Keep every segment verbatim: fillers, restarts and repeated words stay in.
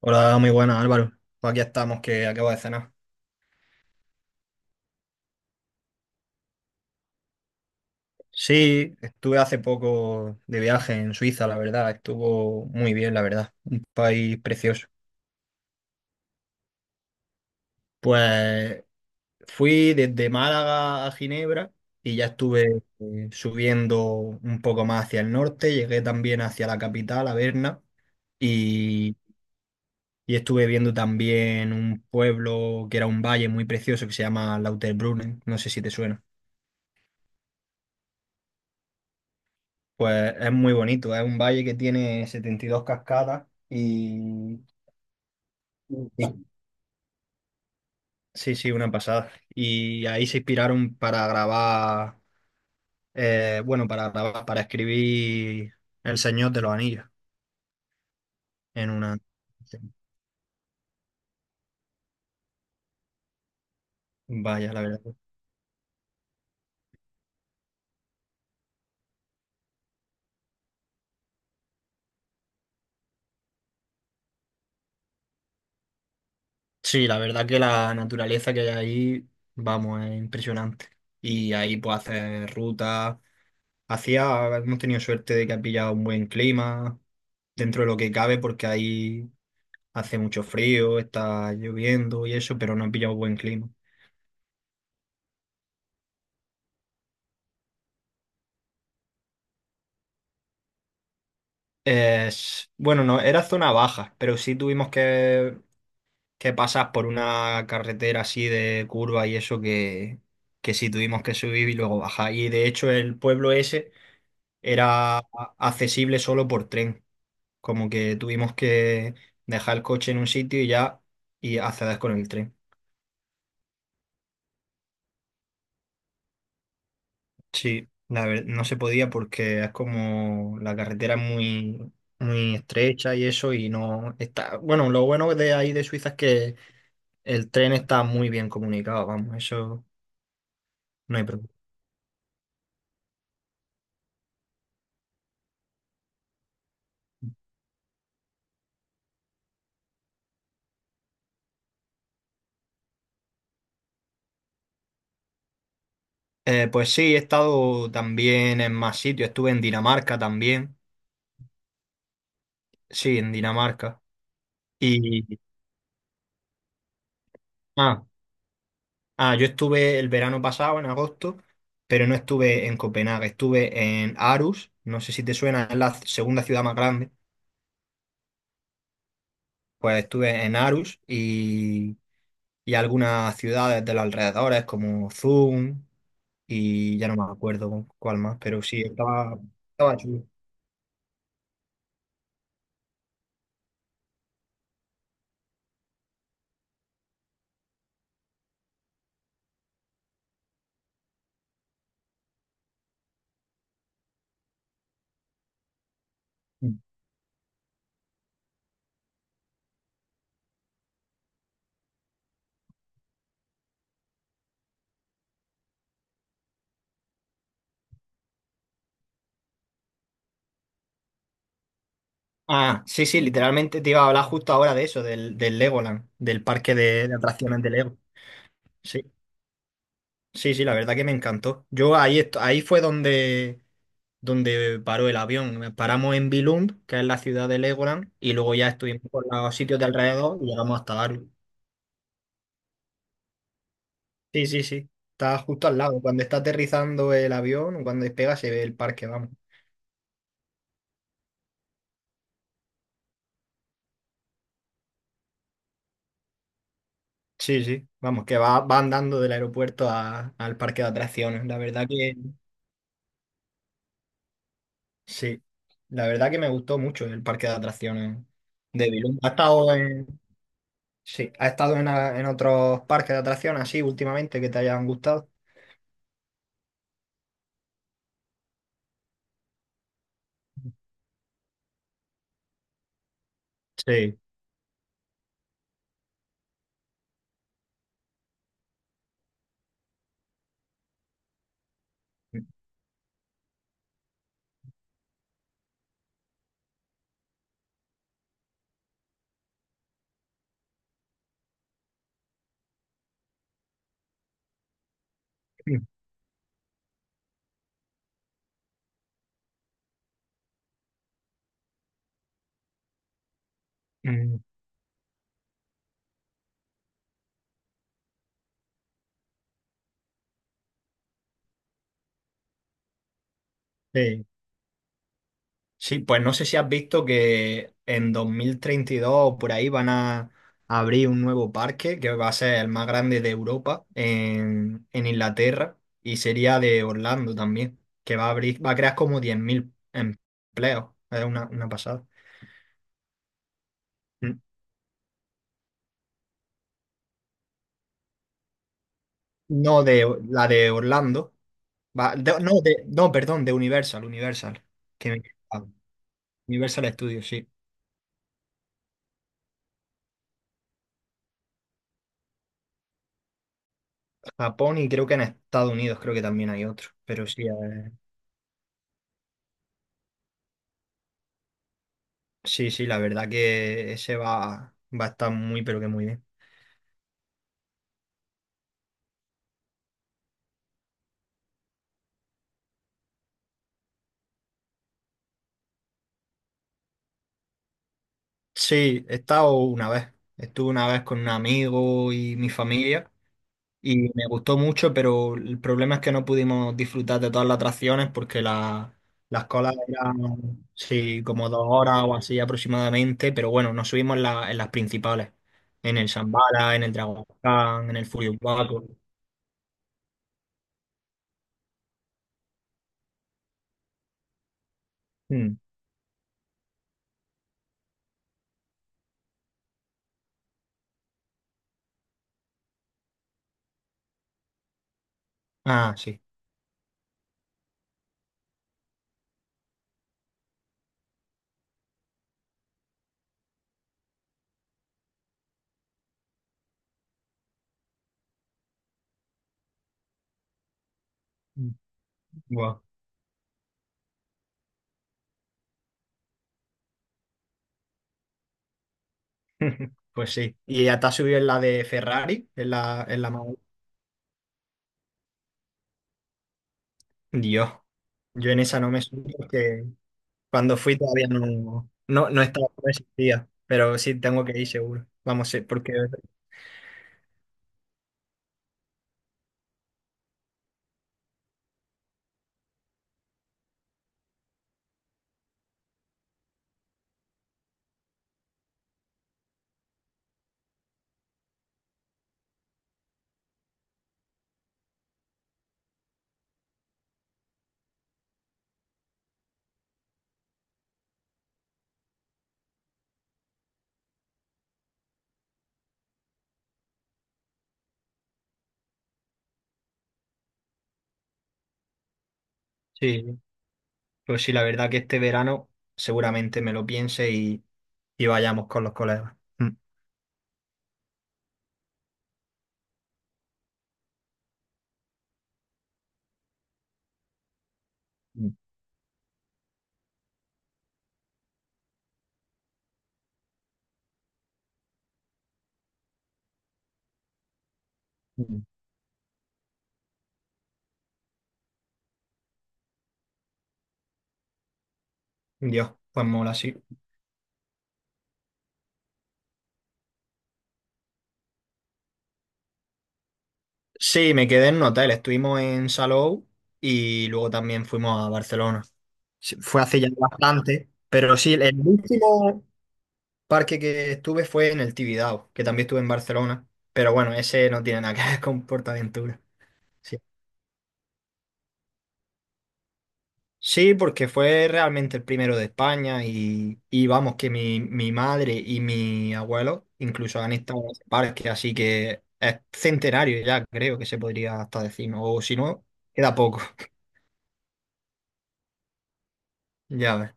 Hola, muy buenas Álvaro. Pues aquí estamos, que acabo de cenar. Sí, estuve hace poco de viaje en Suiza, la verdad. Estuvo muy bien, la verdad. Un país precioso. Pues fui desde Málaga a Ginebra y ya estuve eh, subiendo un poco más hacia el norte. Llegué también hacia la capital, a Berna, y, y estuve viendo también un pueblo que era un valle muy precioso que se llama Lauterbrunnen. No sé si te suena. Pues es muy bonito, es un valle que tiene setenta y dos cascadas y... y- Sí, sí, una pasada. Y ahí se inspiraron para grabar, eh, bueno, para grabar, para escribir El Señor de los Anillos en una... Vaya, la verdad. Sí, la verdad que la naturaleza que hay ahí, vamos, es impresionante. Y ahí pues hacer rutas. Hacía, hemos tenido suerte de que ha pillado un buen clima dentro de lo que cabe porque ahí hace mucho frío, está lloviendo y eso, pero no ha pillado buen clima. Es, bueno, no, era zona baja, pero sí tuvimos que que pasas por una carretera así de curva y eso que, que sí tuvimos que subir y luego bajar. Y de hecho el pueblo ese era accesible solo por tren. Como que tuvimos que dejar el coche en un sitio y ya y acceder con el tren. Sí, la ver- no se podía porque es como la carretera es muy, muy estrecha y eso y no está... Bueno, lo bueno de ahí de Suiza es que el tren está muy bien comunicado, vamos, eso no hay problema. Eh, pues sí, he estado también en más sitios. Estuve en Dinamarca también. Sí, en Dinamarca. Y ah, ah, yo estuve el verano pasado, en agosto, pero no estuve en Copenhague. Estuve en Aarhus. No sé si te suena, es la segunda ciudad más grande. Pues estuve en Aarhus y, y algunas ciudades de los alrededores como Zoom y ya no me acuerdo cuál más, pero sí, estaba, estaba chulo. Ah, sí, sí, literalmente te iba a hablar justo ahora de eso, del, del Legoland, del parque de, de atracciones de Lego. Sí, sí, sí, la verdad que me encantó. Yo ahí, est- ahí fue donde, donde paró el avión. Paramos en Billund, que es la ciudad de Legoland, y luego ya estuvimos por los sitios de alrededor y llegamos hasta Darwin. Sí, sí, sí, está justo al lado. Cuando está aterrizando el avión, o cuando despega, se ve el parque, vamos. Sí, sí, vamos, que va, va andando del aeropuerto a- al parque de atracciones. La verdad. Sí, la verdad que me gustó mucho el parque de atracciones de Bilum. Ha estado en, sí, ha estado en, a- en otros parques de atracciones así últimamente que te hayan gustado. Sí. Mm. Sí. Sí, pues no sé si has visto que en dos mil treinta y dos o por ahí van a abrir un nuevo parque que va a ser el más grande de Europa en, en Inglaterra y sería de Orlando también, que va a abrir, va a crear como diez mil empleos. Es una, una pasada. No, de la de Orlando. Va, de- no, de, no, perdón, de Universal, Universal. Que me- ah, Universal Studios, sí. Japón y creo que en Estados Unidos creo que también hay otro. Pero sí, eh, sí, sí, la verdad que ese va, va a estar muy, pero que muy bien. Sí, he estado una vez. Estuve una vez con un amigo y mi familia. Y me gustó mucho, pero el problema es que no pudimos disfrutar de todas las atracciones porque la- las colas eran, sí, como dos horas o así aproximadamente, pero bueno, nos subimos en, la- en las principales, en el Zambala, en el Dragon, en el Furiobaco. Mm. Ah, sí. Mm. Guau. Pues sí. ¿Y hasta has subido en la de Ferrari? En la, en la más- Dios, yo en esa no me subí porque cuando fui todavía no, no, no estaba, no existía, pero sí tengo que ir seguro. Vamos, sí, porque sí, sí. Pues sí, la verdad que este verano seguramente me lo piense y, y vayamos con los colegas. Mm. Mm, mm. Dios, pues mola, sí. Sí, me quedé en un hotel, estuvimos en Salou y luego también fuimos a Barcelona. Sí, fue hace ya bastante, pero sí, el último parque que estuve fue en el Tibidabo, que también estuve en Barcelona, pero bueno, ese no tiene nada que ver con PortAventura. Sí, porque fue realmente el primero de España y, y vamos, que mi, mi madre y mi abuelo incluso han estado en ese parque, así que es centenario ya, creo que se podría hasta decir, ¿no? O si no, queda poco, ya ves.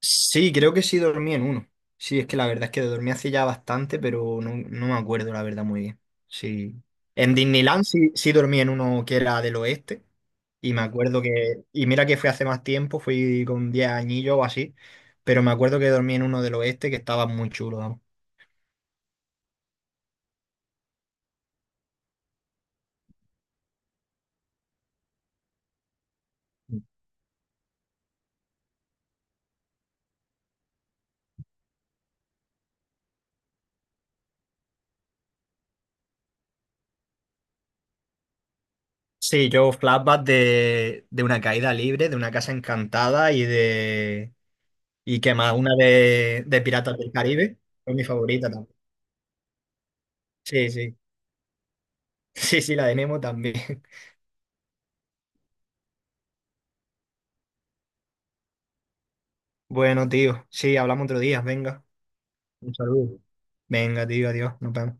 Sí, creo que sí dormí en uno. Sí, es que la verdad es que dormí hace ya bastante, pero no, no me acuerdo la verdad muy bien. Sí. En Disneyland sí, sí dormí en uno que era del oeste. Y me acuerdo que, y mira que fue hace más tiempo, fui con diez añillos o así, pero me acuerdo que dormí en uno del oeste que estaba muy chulo, vamos. Sí, yo flashback de, de una caída libre, de una casa encantada y de... ¿Y que más? Una de, de Piratas del Caribe. Fue mi favorita también. Sí, sí. Sí, sí, la de Nemo también. Bueno, tío, sí, hablamos otro día, venga. Un saludo. Venga, tío, adiós, nos vemos.